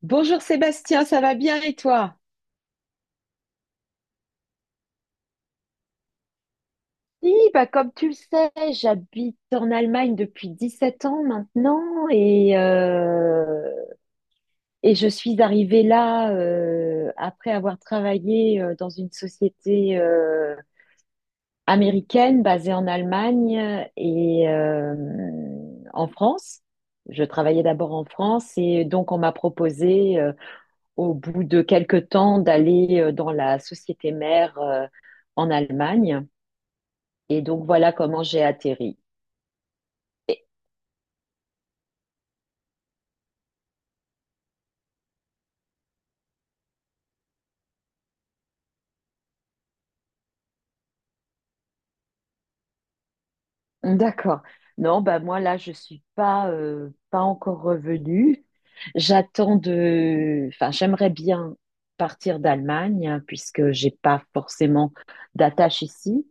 Bonjour Sébastien, ça va bien et toi? Oui, bah comme tu le sais, j'habite en Allemagne depuis 17 ans maintenant et, euh, et je suis arrivée là après avoir travaillé dans une société américaine basée en Allemagne en France. Je travaillais d'abord en France et donc on m'a proposé au bout de quelques temps d'aller dans la société mère en Allemagne. Et donc voilà comment j'ai atterri. Et- D'accord. Non, bah moi là, je suis pas pas encore revenue. J'attends de, enfin, j'aimerais bien partir d'Allemagne hein, puisque j'ai pas forcément d'attache ici.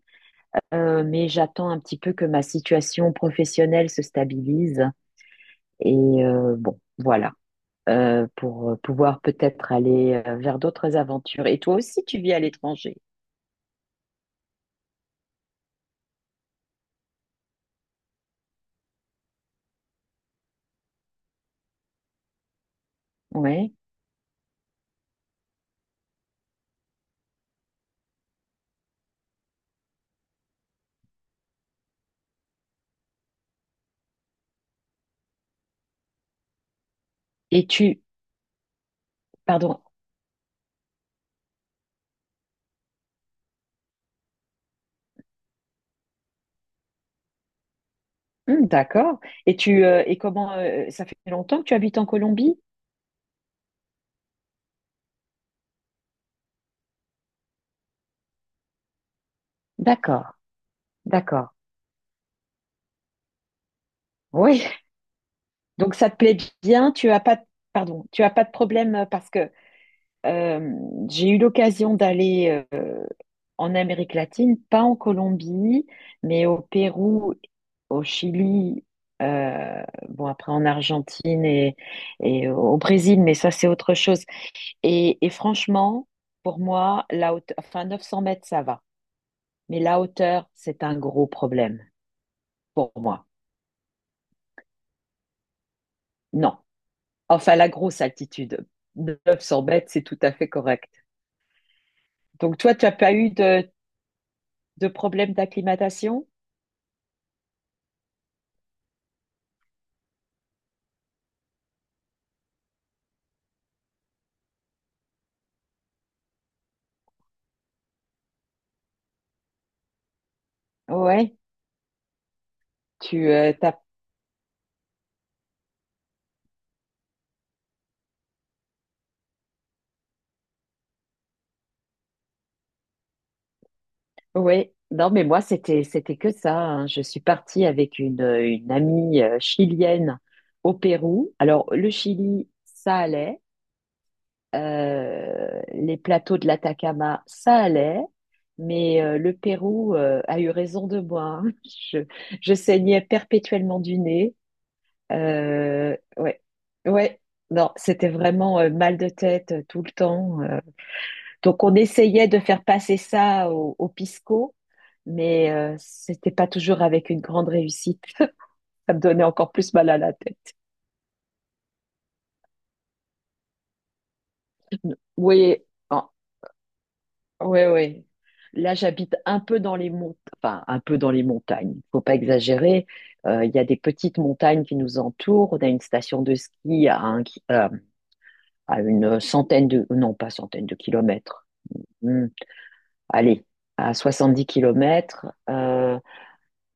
Mais j'attends un petit peu que ma situation professionnelle se stabilise et bon, voilà. Pour pouvoir peut-être aller vers d'autres aventures. Et toi aussi, tu vis à l'étranger, ouais. Et tu, pardon. D'accord. Et comment ça fait longtemps que tu habites en Colombie? D'accord, d'accord. Oui. Donc ça te plaît bien. Tu as pas de- pardon, tu as pas de problème parce que euh, j'ai eu l'occasion d'aller en Amérique latine, pas en Colombie, mais au Pérou, au Chili. euh, bon après en Argentine et au Brésil, mais ça c'est autre chose. Et franchement, pour moi, enfin 900 mètres, ça va. Mais la hauteur, c'est un gros problème pour moi. Non. Enfin, la grosse altitude, 900 mètres, c'est tout à fait correct. Donc, toi, tu n'as pas eu de problème d'acclimatation? Ouais. Tu, euh, t'as... Ouais. Non, mais moi, c'était que ça, hein. Je suis partie avec une amie chilienne au Pérou. Alors, le Chili, ça allait. Les plateaux de l'Atacama, ça allait, mais le Pérou a eu raison de moi, hein. Je, je saignais perpétuellement du nez. Ouais, ouais. Non, c'était vraiment mal de tête tout le temps. Donc on essayait de faire passer ça au pisco, mais c'était pas toujours avec une grande réussite. Ça me donnait encore plus mal à la tête. Oui, ouais, ouais. Là, j'habite un peu dans les monts, enfin, un peu dans les montagnes. Faut pas exagérer. Il y a des petites montagnes qui nous entourent. On a une station de ski à une centaine de, non, pas centaine de kilomètres. Hmm. Allez, à 70 kilomètres.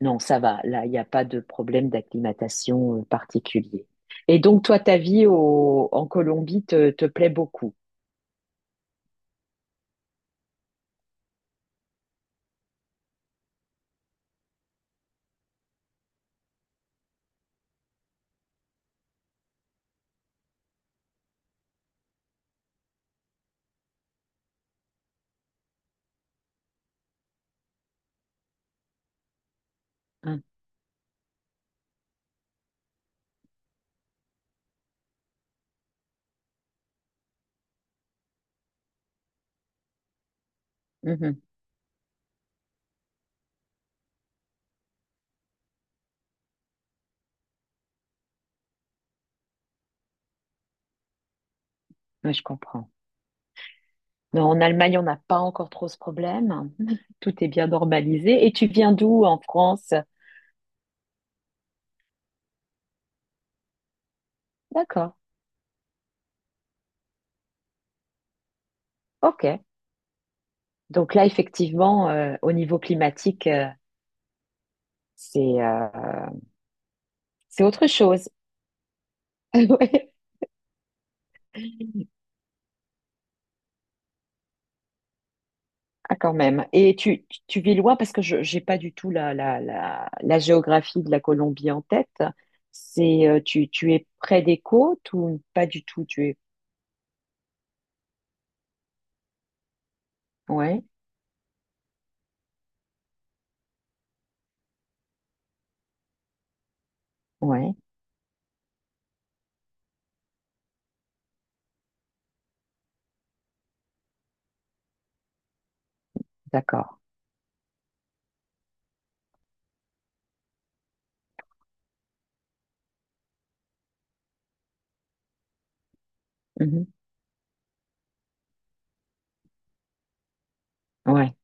Non, ça va. Là, il n'y a pas de problème d'acclimatation particulier. Et donc, toi, en Colombie te, te plaît beaucoup. Hein. Mhm. Ouais, je comprends. Non, en Allemagne, on n'a pas encore trop ce problème. Tout est bien normalisé. Et tu viens d'où en France? D'accord. OK. Donc là, effectivement, au niveau climatique, c'est euh, c'est autre chose. Ouais. Ah, quand même. Et tu vis loin parce que je j'ai pas du tout la géographie de la Colombie en tête. Tu es près des côtes ou pas du tout? Tu es... Ouais, ouais, d'accord. Mhm. Ouais,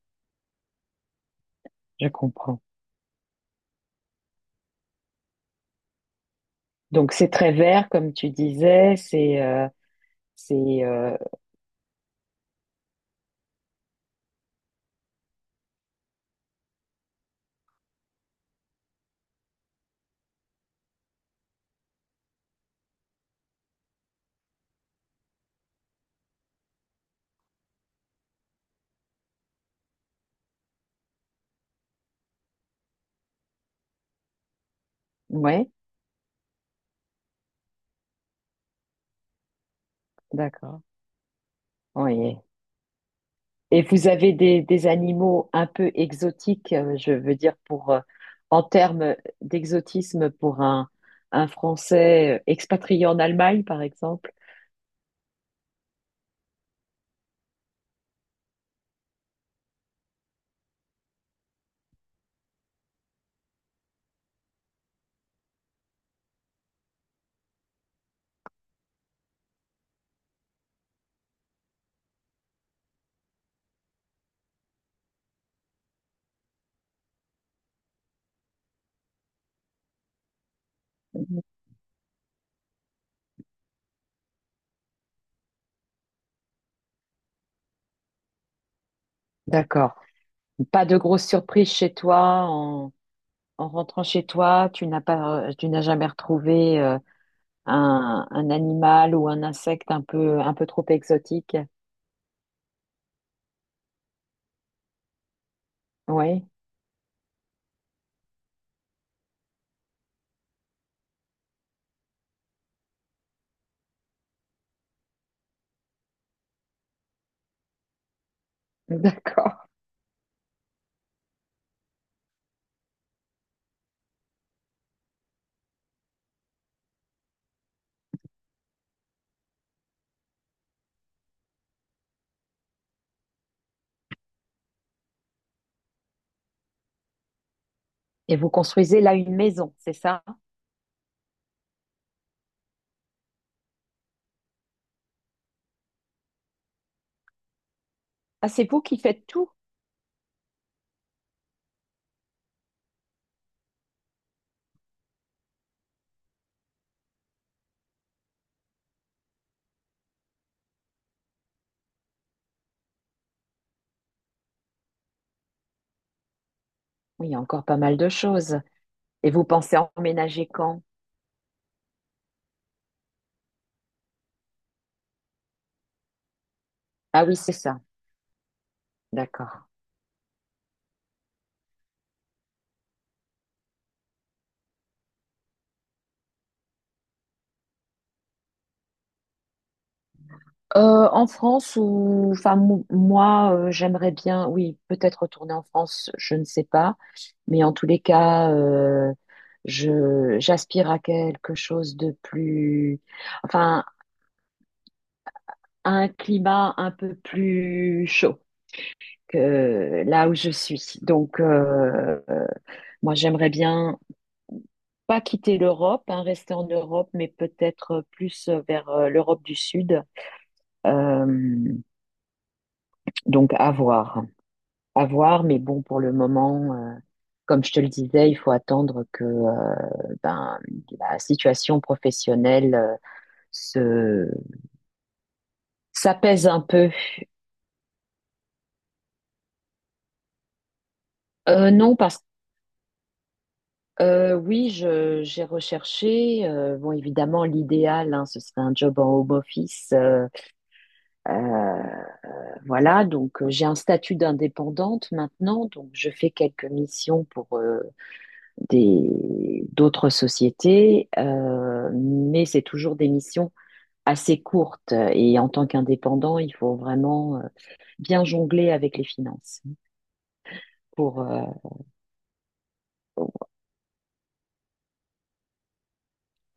je comprends. Donc c'est très vert, comme tu disais, c'est ouais, d'accord. Oui. Et vous avez des animaux un peu exotiques, je veux dire pour en termes d'exotisme pour un Français expatrié en Allemagne, par exemple. D'accord. Pas de grosse surprise chez toi en rentrant chez toi, tu n'as pas tu n'as jamais retrouvé un animal ou un insecte un peu trop exotique. Oui, d'accord. Et vous construisez là une maison, c'est ça? Ah, c'est vous qui faites tout? Oui, il y a encore pas mal de choses. Et vous pensez emménager quand? Ah oui, c'est ça. D'accord. En France ou enfin mou- moi j'aimerais bien oui peut-être retourner en France je ne sais pas, mais en tous les cas je j'aspire à quelque chose de plus, enfin à un climat un peu plus chaud que là où je suis donc moi j'aimerais bien pas quitter l'Europe, hein, rester en Europe, mais peut-être plus vers l'Europe du Sud. Euh, donc à voir, mais bon, pour le moment, comme je te le disais, il faut attendre que ben, la situation professionnelle se s'apaise un peu. Non, parce que oui, j'ai recherché. Bon, évidemment, l'idéal, hein, ce serait un job en home office. Euh, Voilà, donc j'ai un statut d'indépendante maintenant, donc je fais quelques missions pour des d'autres sociétés, mais c'est toujours des missions assez courtes. Et en tant qu'indépendant, il faut vraiment bien jongler avec les finances. Pour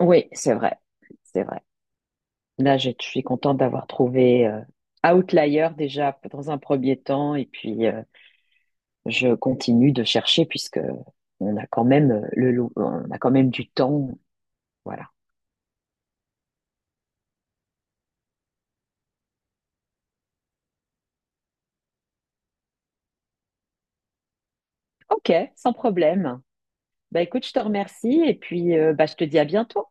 oui, c'est vrai, c'est vrai. Là, je suis contente d'avoir trouvé Outlier déjà dans un premier temps, et puis je continue de chercher puisque on a quand même on a quand même du temps. Voilà. Ok, sans problème. Bah écoute, je te remercie et puis bah, je te dis à bientôt.